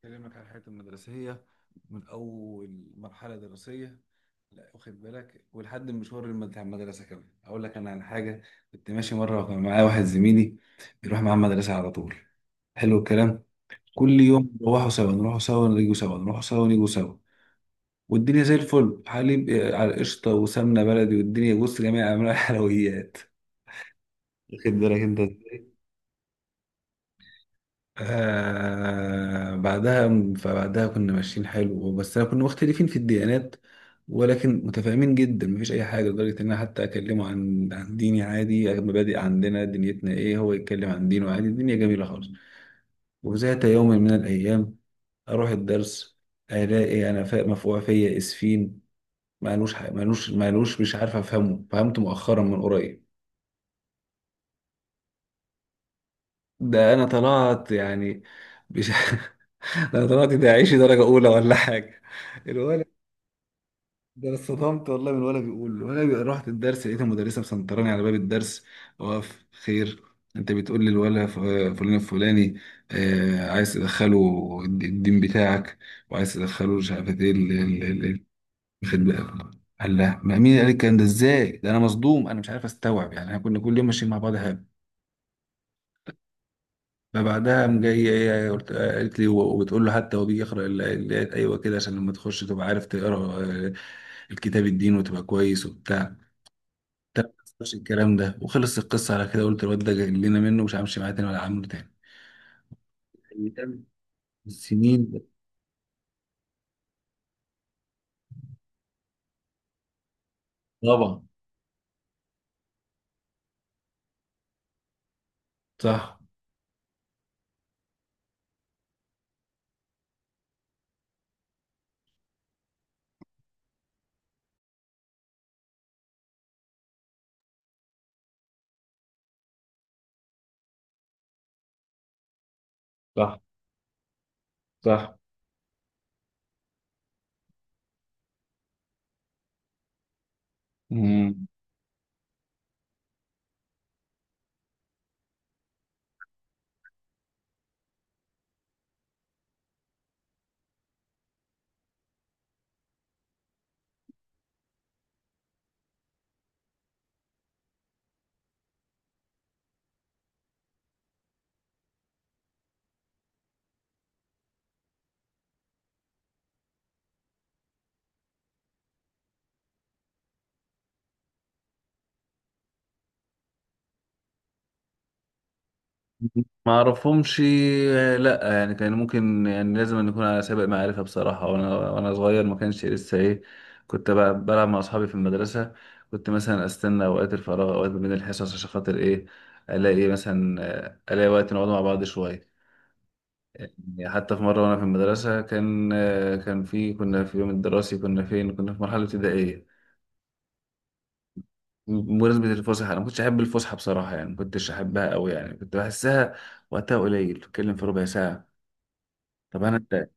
أكلمك على حياتي المدرسية، من أول مرحلة دراسية، لا واخد بالك، ولحد المشوار بتاع المدرسة. كمان أقول لك أنا عن حاجة. كنت ماشي مرة وكان معايا واحد زميلي بيروح معاه المدرسة على طول. حلو الكلام. كل يوم نروحوا سوا نروحوا سوا نيجوا سوا نروحوا سوا نيجوا سوا. والدنيا زي الفل، حليب على قشطة وسمنة بلدي، والدنيا بص، جميع أنواع الحلويات. واخد بالك أنت؟ آه بعدها فبعدها كنا ماشيين، حلو. بس كنا مختلفين في الديانات، ولكن متفاهمين جدا، مفيش اي حاجه، لدرجه ان انا حتى اكلمه عن ديني عادي، مبادئ عندنا دنيتنا ايه، هو يتكلم عن دينه عادي، الدنيا جميله خالص. وذات يوم من الايام، اروح الدرس، الاقي انا مفقوع فيا اسفين. مالوش ح- مالوش مالوش مش عارف افهمه، فهمته مؤخرا من قريب. ده انا طلعت يعني، مش ده انا طلعت، ده عيشي درجه اولى ولا حاجه. الولد، ده انا اتصدمت والله، من ولا بيقول ولا رحت الدرس، لقيت المدرسه مسنطراني على باب الدرس، واقف، خير، انت بتقول لي فلان الفلاني، آه، عايز تدخله الدين بتاعك، وعايز تدخله مش عارف ايه الخد بقى. قال لا، ما مين قال الكلام ده ازاي، ده انا مصدوم، انا مش عارف استوعب يعني، احنا كنا كل يوم ماشيين مع بعض هاب. فبعدها قام جاي إيه، إيه، قالت لي، و- وبتقول له، حتى هو بيجي يقرا الايات، ايوه كده، عشان لما تخش تبقى عارف تقرا آه، الكتاب الدين، وتبقى كويس وبتاع. ده ما حصلش الكلام ده، وخلص القصه على كده، قلت الواد ده جاي لنا منه، مش همشي معاه تاني ولا عامله تاني. أيام السنين ده. طبعا. صح، صح، صح. مم. ما اعرفهمش. لا يعني كان ممكن، يعني لازم أن يكون على سابق معرفه بصراحه. وانا صغير، ما كانش لسه ايه. كنت بلعب مع اصحابي في المدرسه، كنت مثلا استنى اوقات الفراغ، اوقات ما بين الحصص، عشان خاطر ايه، الاقي مثلا آه، الاقي وقت نقعد مع بعض شويه. يعني حتى في مرة وأنا في المدرسة، كان في، كنا في يوم الدراسي، كنا فين، كنا في مرحلة ابتدائية. بمناسبة الفسحة، أنا ما كنتش أحب الفسحة بصراحة يعني، ما كنتش أحبها أوي يعني، كنت بحسها وقتها قليل، بتتكلم في ربع ساعة. طب أنا أنت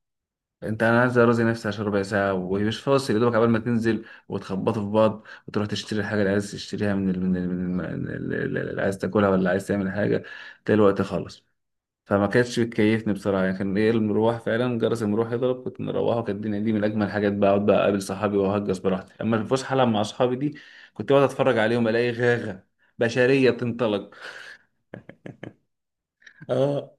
أنت أنا عايز أرازي نفسي عشان ربع ساعة، ومش فاصل يا دوبك، قبل ما تنزل وتخبطوا في بعض وتروح تشتري الحاجة اللي عايز تشتريها، من ال- من ال- من الم- من ال- اللي عايز تاكلها ولا عايز تعمل حاجة، تلاقي الوقت خلص. فما كانتش بتكيفني بصراحه يعني، كان ايه، المروح فعلا، جرس المروح يضرب كنت مروحه، وكانت الدنيا دي من اجمل الحاجات، بقى اقعد، بقى اقابل صحابي، واهجس براحتي. اما الفسحه لما مع اصحابي دي، كنت اقعد اتفرج عليهم، الاقي غاغه بشريه بتنطلق. اه.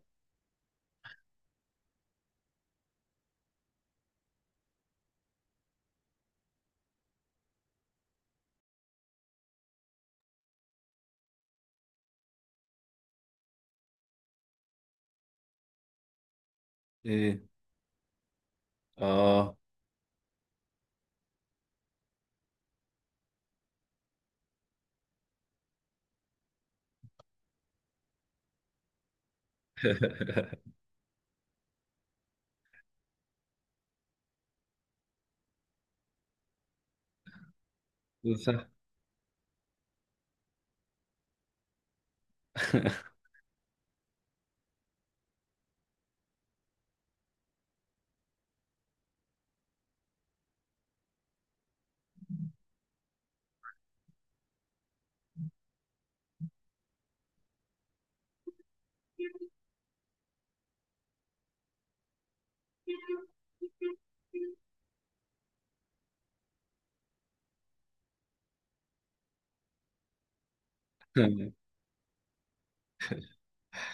ايه. اه. صح.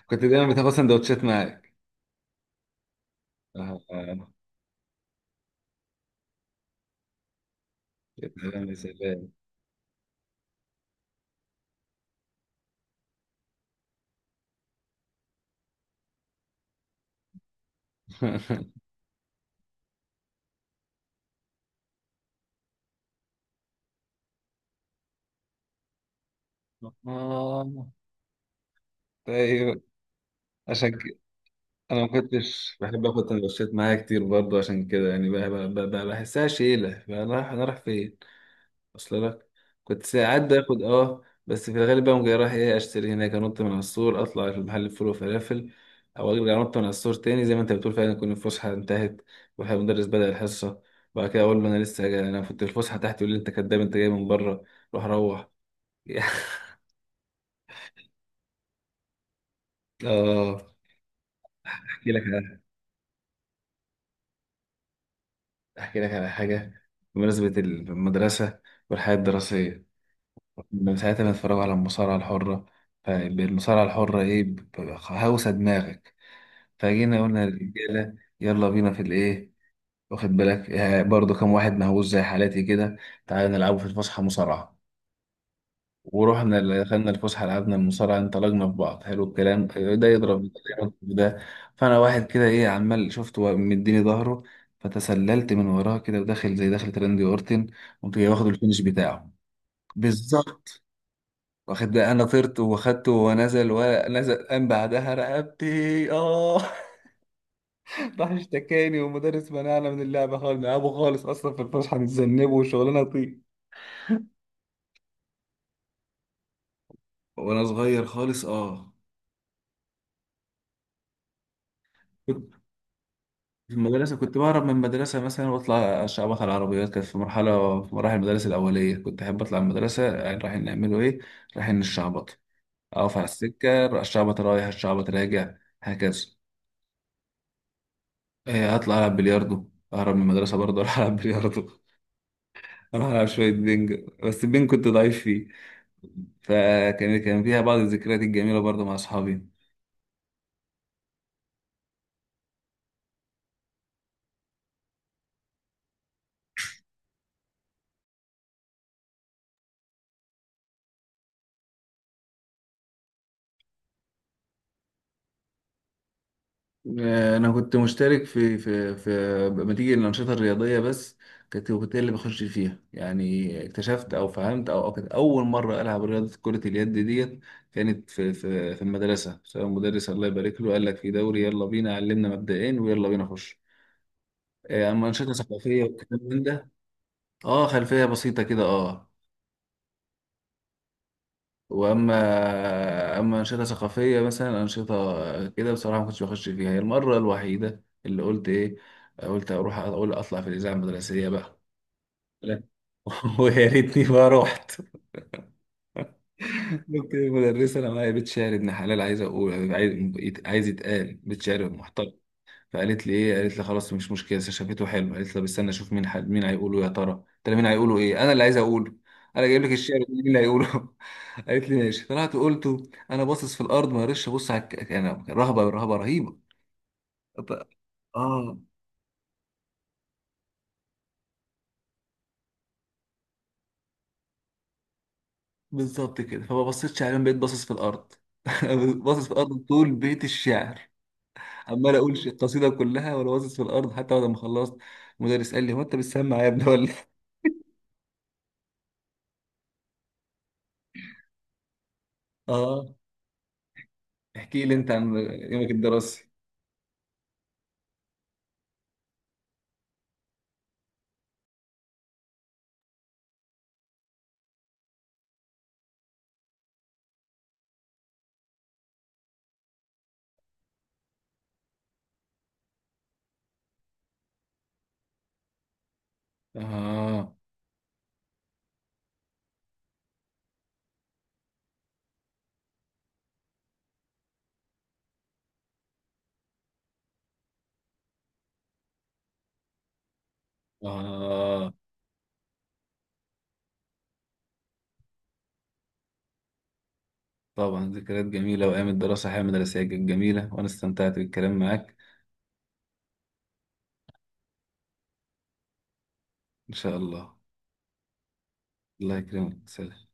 كنت دايما بتاخد سندوتشات معاك؟ اه. آه. يا سلام يا سلام. اه. طيب، عشان كده انا ما كنتش بحب اخد سندوتشات معايا كتير برضه، عشان كده يعني، بقى بحسها شيله، بقى رايح فين. اصل لك، كنت ساعات باخد اه، بس في الغالب بقى جاي رايح ايه، اشتري هناك، انط من على السور، اطلع في محل فول وفلافل، او ارجع انط من على السور تاني، زي ما انت بتقول، فعلا تكون الفسحه انتهت والمدرس بدأ الحصه. وبعد كده اقول له انا لسه جاي، انا كنت في الفسحه تحت، يقول لي انت كداب، انت جاي من بره، روح روح. اه. احكي لك على احكي لك على حاجه، بمناسبه المدرسه والحياه الدراسيه. من ساعتها بنتفرج على المصارعه الحره، فالمصارعه الحره ايه، هوسه دماغك. فجينا قلنا للرجاله، يلا بينا في الايه، واخد بالك برضو، كام واحد مهووس زي حالاتي كده، تعالى نلعبوا في الفسحه مصارعه. ورحنا دخلنا الفسحه، لعبنا المصارعه، انطلقنا في بعض، حلو الكلام، ده يضرب ده، يضرب ده. فانا واحد كده ايه، عمال شفته مديني ظهره، فتسللت من وراه كده، وداخل زي دخلة راندي اورتن، قمت جاي واخد الفينش بتاعه. بالظبط. واخد بقى، انا طرت واخدته، ونزل ونزل، قام بعدها رقبتي. اه. راح اشتكاني، ومدرس منعنا من اللعبة خالص، نلعبه خالص أصلا في الفسحة بنتذنبه وشغلانة طين. وانا صغير خالص. اه. كنت في المدرسه كنت بهرب من المدرسه مثلا، واطلع اشعبط على العربيات، كانت في مراحل المدارس الاوليه، كنت احب اطلع من المدرسه، يعني رايحين نعمله ايه، رايحين نشعبط، اقف على السكه، الشعبط رايح الشعبط راجع، هكذا. إيه، اطلع العب بلياردو، اهرب من المدرسه برضه، اروح العب بلياردو. اروح العب شويه بينج، بس البينج كنت ضعيف فيه. فكان فيها بعض الذكريات الجميلة برضه مع أصحابي. انا كنت مشترك في بنتيجة الانشطه الرياضيه بس. كنت اللي بخش فيها يعني، اكتشفت او فهمت أو كانت اول مره العب رياضه كره اليد ديت، كانت في المدرسه، سواء مدرس الله يبارك له، قال لك في دوري، يلا بينا علمنا مبدئين، ويلا بينا خش. اما انشطه ثقافيه والكلام من ده. اه، خلفيه بسيطه كده. اه. واما، انشطه ثقافيه مثلا، انشطه كده بصراحه ما كنتش بخش فيها، هي المره الوحيده اللي قلت ايه، قلت اروح اقول اطلع في الاذاعه المدرسيه بقى. لا. ويا ريتني ما رحت. قلت المدرسه انا معايا بيت شعر ابن حلال، عايز يتقال بيت شعر محترم. فقالت لي ايه قالت لي خلاص مش مشكله، شافته حلو، قالت لي بستنى اشوف مين هيقوله يا ترى. قلت لها مين هيقوله ايه، انا اللي عايز اقوله، انا جايب لك الشعر، مين اللي هيقوله. قالت لي ماشي، طلعت قلته. انا باصص في الارض، ما قدرتش ابص على انا رهبه رهبه رهيبه. ط- اه بالظبط كده، فما بصيتش عليهم، بقيت باصص في الارض. باصص في الارض طول بيت الشعر، عمال اقول القصيده كلها وانا باصص في الارض، حتى بعد ما خلصت المدرس قال لي، هو انت بتسمع يا ابني ولا إيه؟ اه. احكي لي انت عن يومك الدراسي. آه. آه. طبعا، ذكريات جميلة، وأيام الدراسة، حياة مدرسية كانت جميلة، وأنا استمتعت بالكلام معاك. إن شاء الله. الله يكرمك. سلام.